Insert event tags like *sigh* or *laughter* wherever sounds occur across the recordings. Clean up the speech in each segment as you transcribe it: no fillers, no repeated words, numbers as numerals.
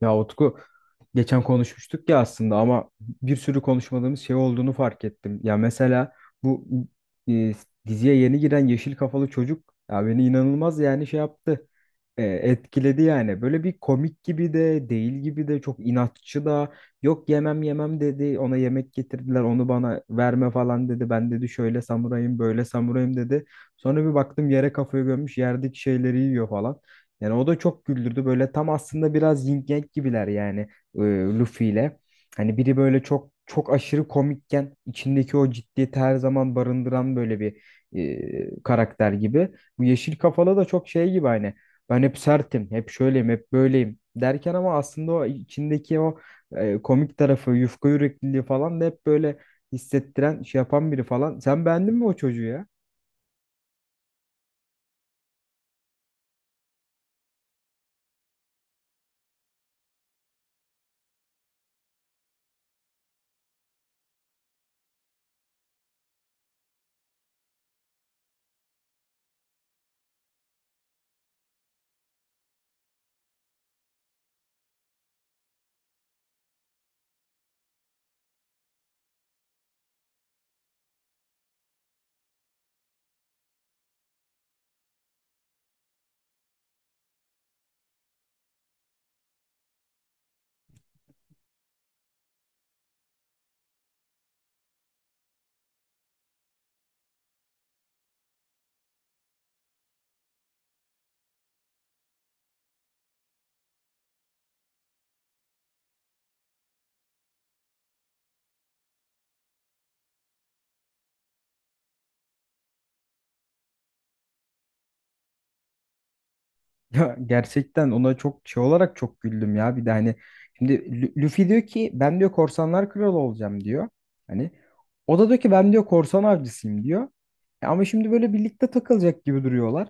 Ya Utku geçen konuşmuştuk ya aslında ama bir sürü konuşmadığımız şey olduğunu fark ettim. Ya mesela bu e, diziye yeni giren yeşil kafalı çocuk ya beni inanılmaz yani şey yaptı. Etkiledi yani. Böyle bir komik gibi de değil gibi de çok inatçı da yok yemem yemem dedi. Ona yemek getirdiler onu bana verme falan dedi. Ben dedi şöyle samurayım böyle samurayım dedi. Sonra bir baktım yere kafayı gömmüş yerdeki şeyleri yiyor falan. Yani o da çok güldürdü. Böyle tam aslında biraz yin yang gibiler yani e, Luffy ile. Hani biri böyle çok çok aşırı komikken içindeki o ciddiyeti her zaman barındıran böyle bir karakter gibi. Bu yeşil kafalı da çok şey gibi hani ben hep sertim, hep şöyleyim, hep böyleyim derken ama aslında o içindeki o komik tarafı, yufka yürekliliği falan da hep böyle hissettiren, şey yapan biri falan. Sen beğendin mi o çocuğu ya? Ya gerçekten ona çok şey olarak çok güldüm ya. Bir de hani şimdi Luffy diyor ki ben diyor korsanlar kralı olacağım diyor. Hani o da diyor ki ben diyor korsan avcısıyım diyor. E ama şimdi böyle birlikte takılacak gibi duruyorlar.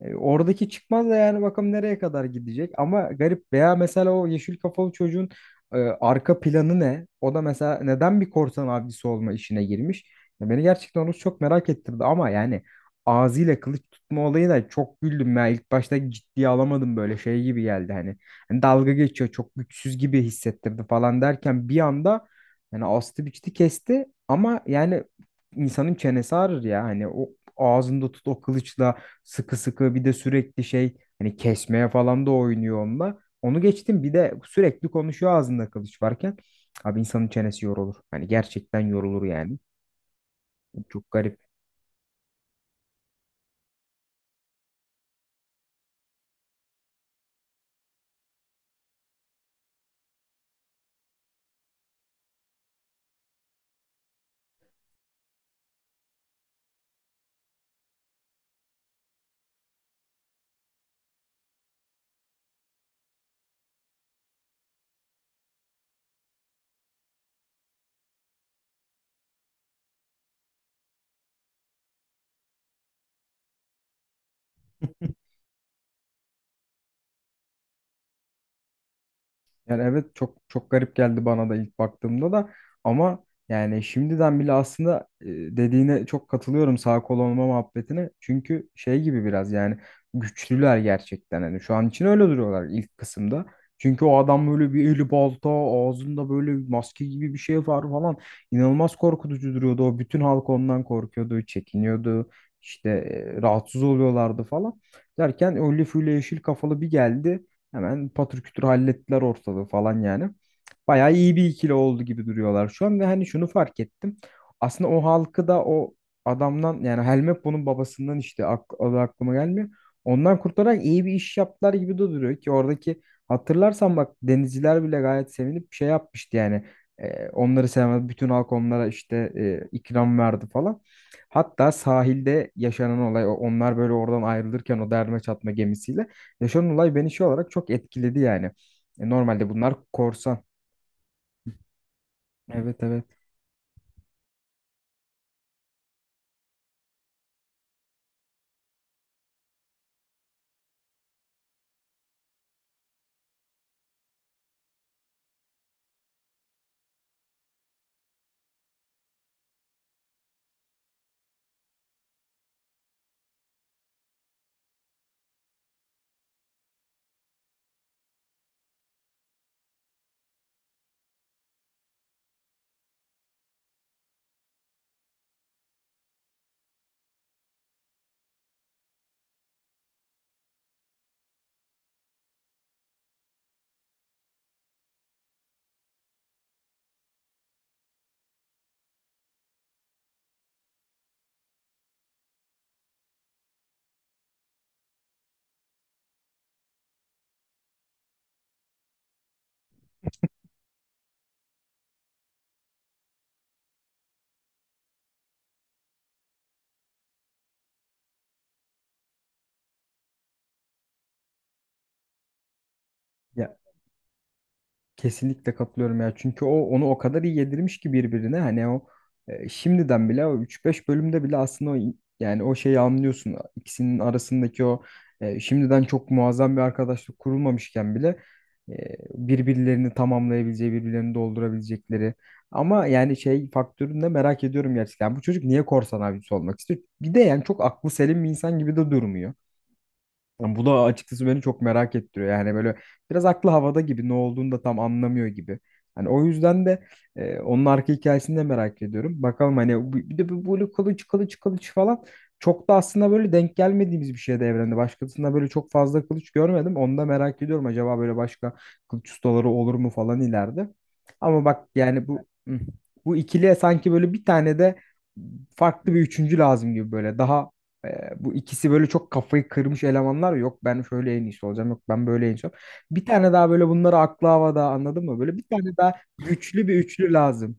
Oradaki çıkmaz da yani bakalım nereye kadar gidecek. Ama garip veya mesela o yeşil kafalı çocuğun arka planı ne? O da mesela neden bir korsan avcısı olma işine girmiş? Ya beni gerçekten onu çok merak ettirdi ama yani ağzıyla kılıç tutma olayı da çok güldüm ya. İlk başta ciddiye alamadım böyle şey gibi geldi hani. Hani dalga geçiyor çok güçsüz gibi hissettirdi falan derken bir anda yani astı biçti kesti ama yani insanın çenesi ağrır ya hani o ağzında tut o kılıçla sıkı sıkı, bir de sürekli şey hani kesmeye falan da oynuyor onunla. Onu geçtim bir de sürekli konuşuyor ağzında kılıç varken. Abi insanın çenesi yorulur. Hani gerçekten yorulur yani. Çok garip. Yani evet çok çok garip geldi bana da ilk baktığımda da ama yani şimdiden bile aslında dediğine çok katılıyorum sağ kol olma muhabbetine. Çünkü şey gibi biraz yani güçlüler gerçekten hani şu an için öyle duruyorlar ilk kısımda. Çünkü o adam böyle bir eli balta ağzında böyle bir maske gibi bir şey var falan, inanılmaz korkutucu duruyordu. O bütün halk ondan korkuyordu, çekiniyordu. İşte rahatsız oluyorlardı falan. Derken o Luffy yeşil kafalı bir geldi. Hemen patır kütür hallettiler ortalığı falan yani. Bayağı iyi bir ikili oldu gibi duruyorlar şu an ve hani şunu fark ettim. Aslında o halkı da o adamdan yani Helmeppo'nun babasından, işte ak adı aklıma gelmiyor. Ondan kurtararak iyi bir iş yaptılar gibi de duruyor ki oradaki, hatırlarsan bak, denizciler bile gayet sevinip şey yapmıştı yani. E, onları sevmez bütün halk onlara işte ikram verdi falan. Hatta sahilde yaşanan olay, onlar böyle oradan ayrılırken o derme çatma gemisiyle yaşanan olay beni şey olarak çok etkiledi yani. E, normalde bunlar korsan. Evet, evet. Ya kesinlikle katılıyorum ya. Çünkü o onu o kadar iyi yedirmiş ki birbirine. Hani o şimdiden bile o üç beş bölümde bile aslında yani o şeyi anlıyorsun. İkisinin arasındaki o şimdiden çok muazzam bir arkadaşlık kurulmamışken bile e, birbirlerini tamamlayabileceği, birbirlerini doldurabilecekleri. Ama yani şey faktörünü de merak ediyorum gerçekten. Bu çocuk niye korsan abisi olmak istiyor? Bir de yani çok aklı selim bir insan gibi de durmuyor. Yani bu da açıkçası beni çok merak ettiriyor. Yani böyle biraz aklı havada gibi, ne olduğunu da tam anlamıyor gibi. Hani o yüzden de onun arka hikayesini de merak ediyorum. Bakalım hani bir de bu böyle kılıç kılıç kılıç falan, çok da aslında böyle denk gelmediğimiz bir şey de evrende. Başkasında böyle çok fazla kılıç görmedim. Onu da merak ediyorum. Acaba böyle başka kılıç ustaları olur mu falan ileride. Ama bak yani hı, bu ikiliye sanki böyle bir tane de farklı bir üçüncü lazım gibi böyle. Daha bu ikisi böyle çok kafayı kırmış elemanlar. Yok ben şöyle en iyisi olacağım. Yok ben böyle en iyisi olacağım. Bir tane daha böyle bunları, aklı havada anladın mı? Böyle bir tane daha güçlü bir üçlü lazım.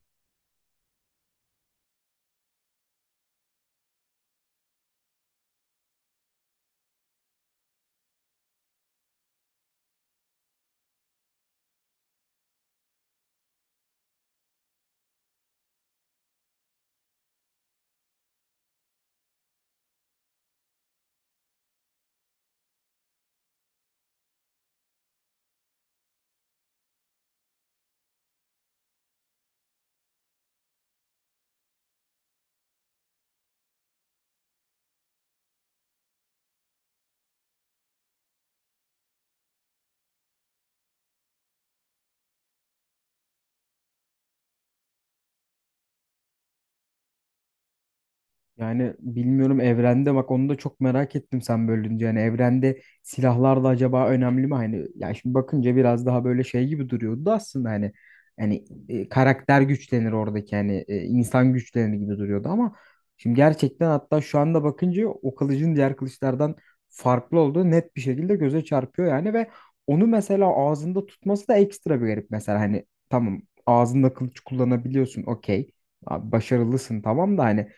Yani bilmiyorum, evrende bak onu da çok merak ettim sen bölünce. Yani evrende silahlar da acaba önemli mi? Hani ya şimdi bakınca biraz daha böyle şey gibi duruyordu da aslında hani karakter güçlenir oradaki hani insan güçlenir gibi duruyordu ama şimdi gerçekten, hatta şu anda bakınca, o kılıcın diğer kılıçlardan farklı olduğu net bir şekilde göze çarpıyor yani. Ve onu mesela ağzında tutması da ekstra bir garip mesela. Hani tamam, ağzında kılıç kullanabiliyorsun, okey, abi başarılısın, tamam da hani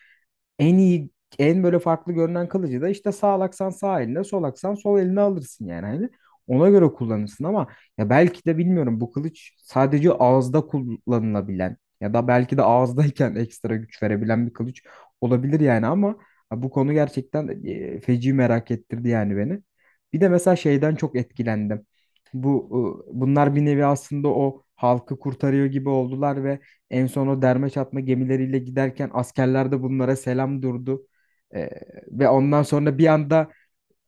en iyi, en böyle farklı görünen kılıcı da işte sağ aksan sağ eline, sol aksan sol eline alırsın yani. Hani ona göre kullanırsın ama ya belki de bilmiyorum, bu kılıç sadece ağızda kullanılabilen ya da belki de ağızdayken *laughs* ekstra güç verebilen bir kılıç olabilir yani. Ama ha, bu konu gerçekten feci merak ettirdi yani beni. Bir de mesela şeyden çok etkilendim. Bunlar bir nevi aslında o halkı kurtarıyor gibi oldular ve en son o derme çatma gemileriyle giderken askerler de bunlara selam durdu. Ee, ve ondan sonra bir anda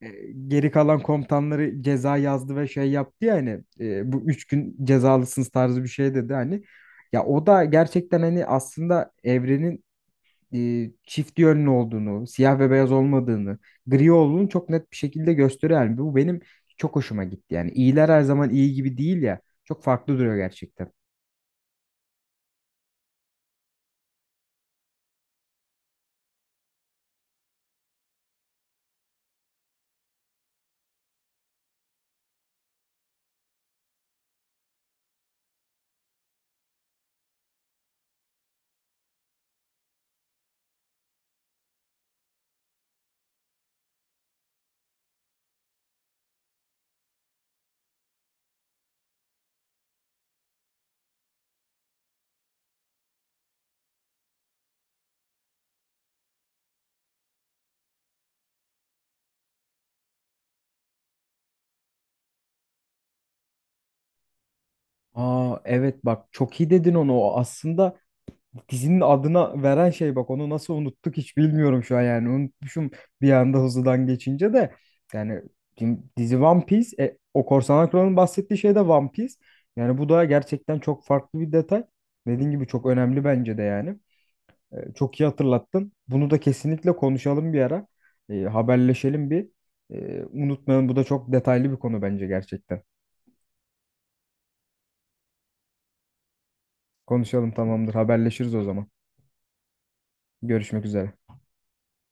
e, geri kalan komutanları ceza yazdı ve şey yaptı ya hani, bu üç gün cezalısınız tarzı bir şey dedi hani. Ya o da gerçekten hani aslında evrenin çift yönlü olduğunu, siyah ve beyaz olmadığını, gri olduğunu çok net bir şekilde gösteriyor. Yani bu benim çok hoşuma gitti. Yani iyiler her zaman iyi gibi değil ya. Çok farklı duruyor gerçekten. Aa evet bak, çok iyi dedin onu. O aslında dizinin adına veren şey, bak onu nasıl unuttuk hiç bilmiyorum şu an. Yani unutmuşum bir anda, hızlıdan geçince de yani dizi One Piece, o Korsan kralın bahsettiği şey de One Piece. Yani bu da gerçekten çok farklı bir detay. Dediğin gibi çok önemli bence de yani. E, çok iyi hatırlattın. Bunu da kesinlikle konuşalım bir ara. E, haberleşelim bir. E, unutmayalım, bu da çok detaylı bir konu bence gerçekten. Konuşalım, tamamdır, haberleşiriz o zaman. Görüşmek üzere.